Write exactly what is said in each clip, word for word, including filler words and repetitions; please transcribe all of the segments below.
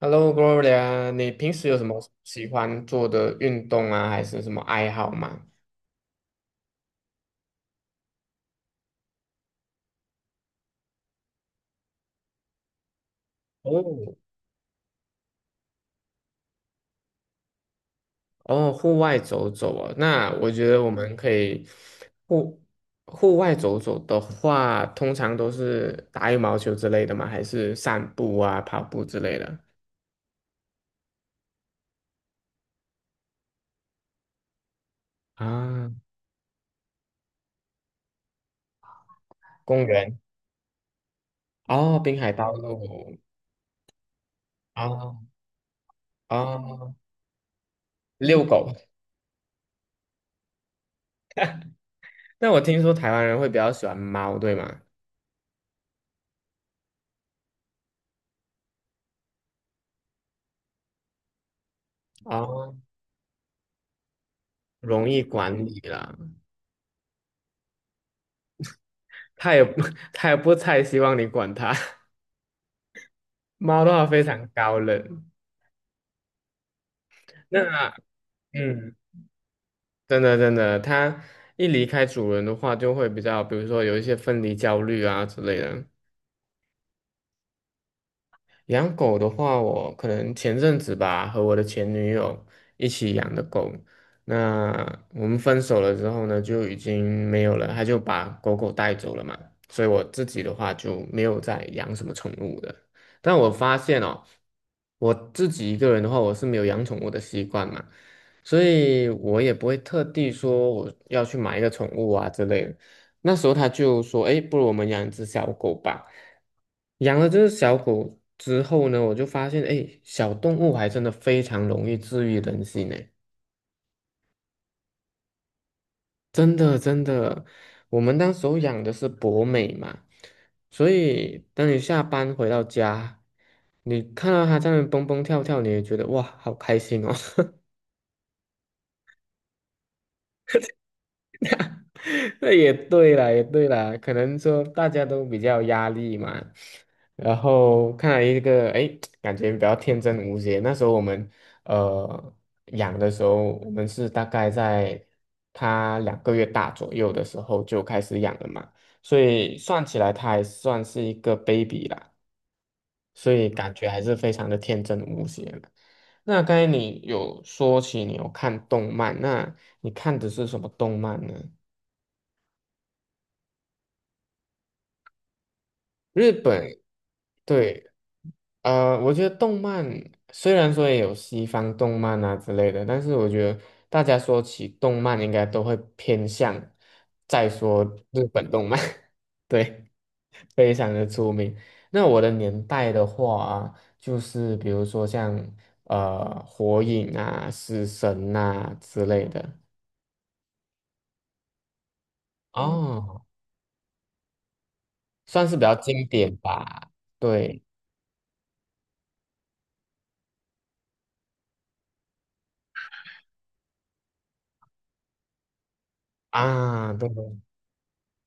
Hello, Gloria，你平时有什么喜欢做的运动啊，还是什么爱好吗？哦，哦，户外走走啊。那我觉得我们可以户户外走走的话，通常都是打羽毛球之类的吗？还是散步啊、跑步之类的啊？公园哦，滨海道路哦哦，遛狗。那我听说台湾人会比较喜欢猫，对吗？哦，容易管理啦。它也不 它也不太希望你管它。猫的话非常高冷。那嗯，真的真的，它一离开主人的话，就会比较，比如说有一些分离焦虑啊之类的。养狗的话，我可能前阵子吧，和我的前女友一起养的狗。那我们分手了之后呢，就已经没有了，他就把狗狗带走了嘛。所以我自己的话就没有再养什么宠物的。但我发现哦，我自己一个人的话，我是没有养宠物的习惯嘛，所以我也不会特地说我要去买一个宠物啊之类的。那时候他就说：“哎，不如我们养一只小狗吧。”养了这只小狗之后呢，我就发现，哎，小动物还真的非常容易治愈人心呢。真的，真的，我们当时候养的是博美嘛，所以当你下班回到家，你看到它在那边蹦蹦跳跳，你也觉得哇，好开心哦。那也对啦，也对啦，可能说大家都比较有压力嘛，然后看来一个，哎，诶感觉比较天真无邪。那时候我们呃养的时候，我们是大概在它两个月大左右的时候就开始养了嘛，所以算起来它还算是一个 baby 啦，所以感觉还是非常的天真无邪的。那刚才你有说起你有看动漫，那你看的是什么动漫呢？日本，对，呃，我觉得动漫虽然说也有西方动漫啊之类的，但是我觉得大家说起动漫，应该都会偏向再说日本动漫。对，非常的出名。那我的年代的话啊就是比如说像呃火影啊、死神啊之类的，哦，算是比较经典吧，对啊，对。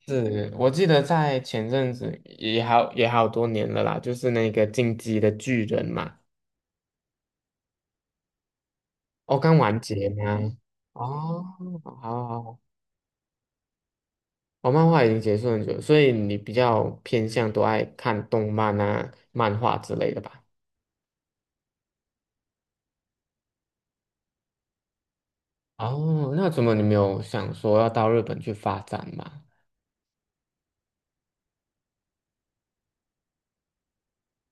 是我记得在前阵子也好也好多年了啦，就是那个《进击的巨人》嘛。哦，刚完结吗？哦，好好好。哦，漫画已经结束很久，所以你比较偏向都爱看动漫啊、漫画之类的吧？哦，那怎么你没有想说要到日本去发展嘛？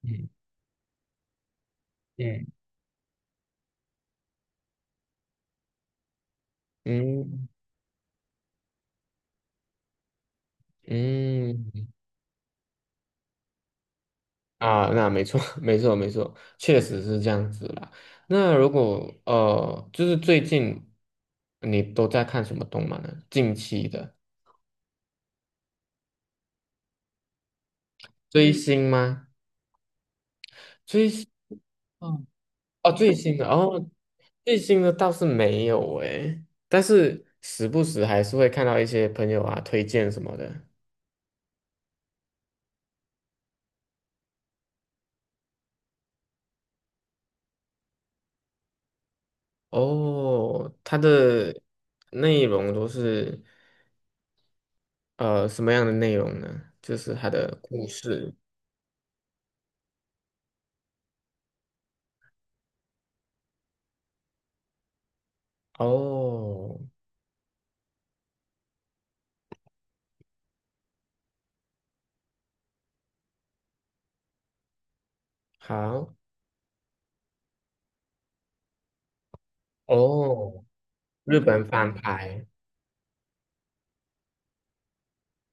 嗯嗯嗯嗯。啊，那没错，没错，没错，确实是这样子啦。那如果呃，就是最近你都在看什么动漫呢？近期的追星吗？追星嗯。哦，最新的哦，最新的倒是没有诶，但是时不时还是会看到一些朋友啊推荐什么的。哦，它的内容都是呃什么样的内容呢？就是它的故事。哦，好。哦，日本翻拍。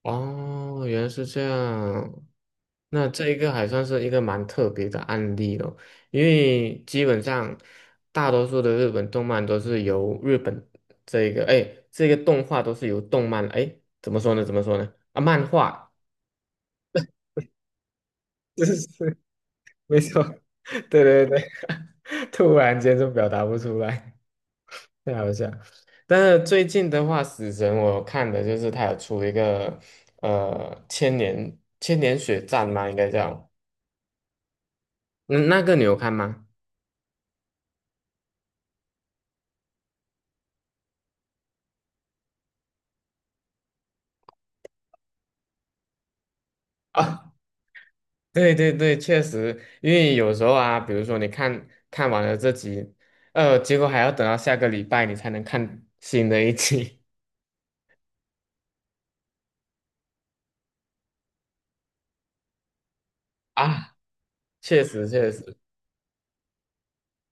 哦，原来是这样。那这一个还算是一个蛮特别的案例哦，因为基本上大多数的日本动漫都是由日本这个，哎，这个动画都是由动漫，哎，怎么说呢？怎么说呢？啊，漫画，就是没错，对对对，突然间就表达不出来。了解。但是最近的话，死神我看的就是他有出一个呃千年千年血战嘛，应该叫。嗯，那个你有看吗？啊，对对对，确实，因为有时候啊，比如说你看看完了这集，呃，结果还要等到下个礼拜你才能看新的一集。 啊，确实确实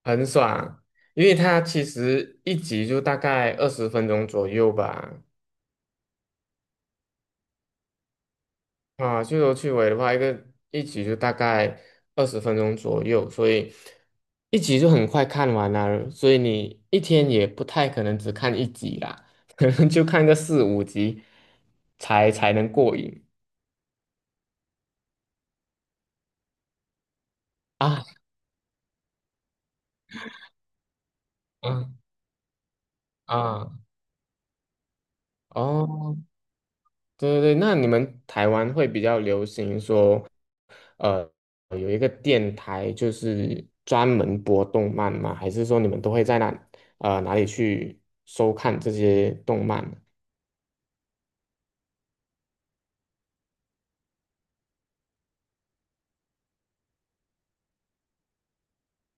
很爽，因为它其实一集就大概二十分钟左右吧。啊，去头去尾的话，一个一集就大概二十分钟左右，所以一集就很快看完了，所以你一天也不太可能只看一集啦，可能就看个四五集才才能过瘾啊啊啊！哦，对对对，那你们台湾会比较流行说，呃，有一个电台就是专门播动漫吗？还是说你们都会在那呃哪里去收看这些动漫呢？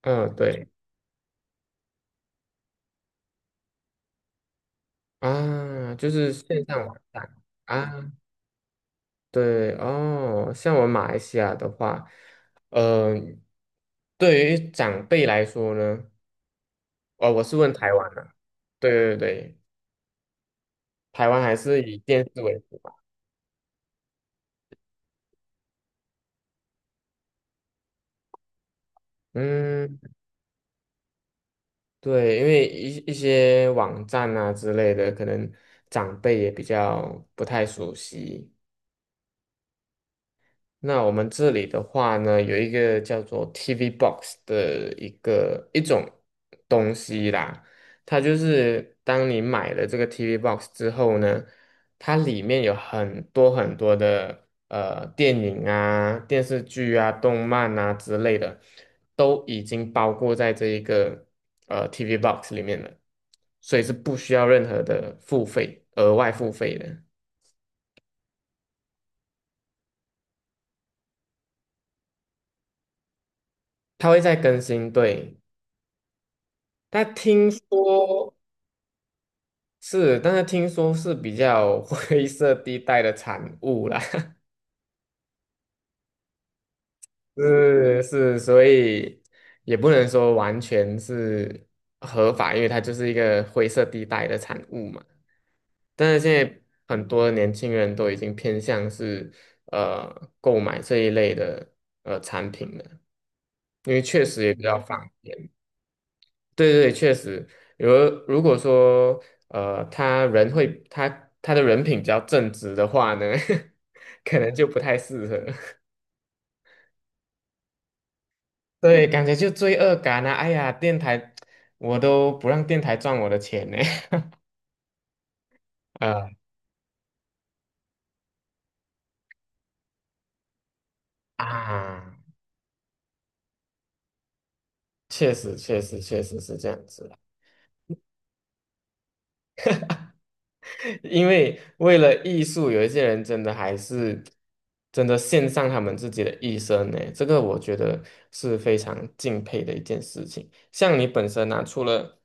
嗯，对啊，就是线上网站啊。对哦，像我们马来西亚的话，呃，对于长辈来说呢，哦，我是问台湾的，对对对，台湾还是以电视为主吧？嗯，对，因为一一些网站啊之类的，可能长辈也比较不太熟悉。那我们这里的话呢，有一个叫做 T V Box 的一个一种东西啦，它就是当你买了这个 T V Box 之后呢，它里面有很多很多的呃电影啊、电视剧啊、动漫啊之类的，都已经包括在这一个呃 T V Box 里面了，所以是不需要任何的付费，额外付费的。它会再更新，对。但听说，是，但是听说是比较 灰色地带的产物啦。是是，所以也不能说完全是合法，因为它就是一个灰色地带的产物嘛。但是现在很多年轻人都已经偏向是呃购买这一类的呃产品了，因为确实也比较方便。对对对，确实，如如果说呃，他人会他他的人品比较正直的话呢，可能就不太适合。对，感觉就罪恶感啊！哎呀，电台我都不让电台赚我的钱呢。呃啊，确实确实确实是这样子啦。因为为了艺术，有一些人真的还是真的献上他们自己的一生呢，这个我觉得是非常敬佩的一件事情。像你本身啊，除了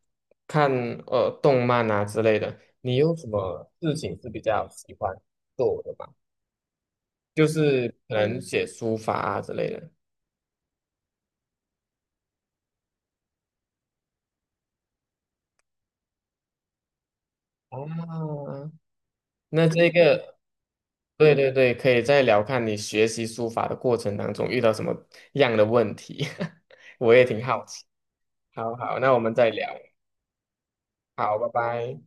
看呃动漫啊之类的，你有什么事情是比较喜欢做的吗？就是可能写书法啊之类的。啊，那这个，对对对，可以再聊看你学习书法的过程当中遇到什么样的问题，我也挺好奇。好好，那我们再聊。好，拜拜。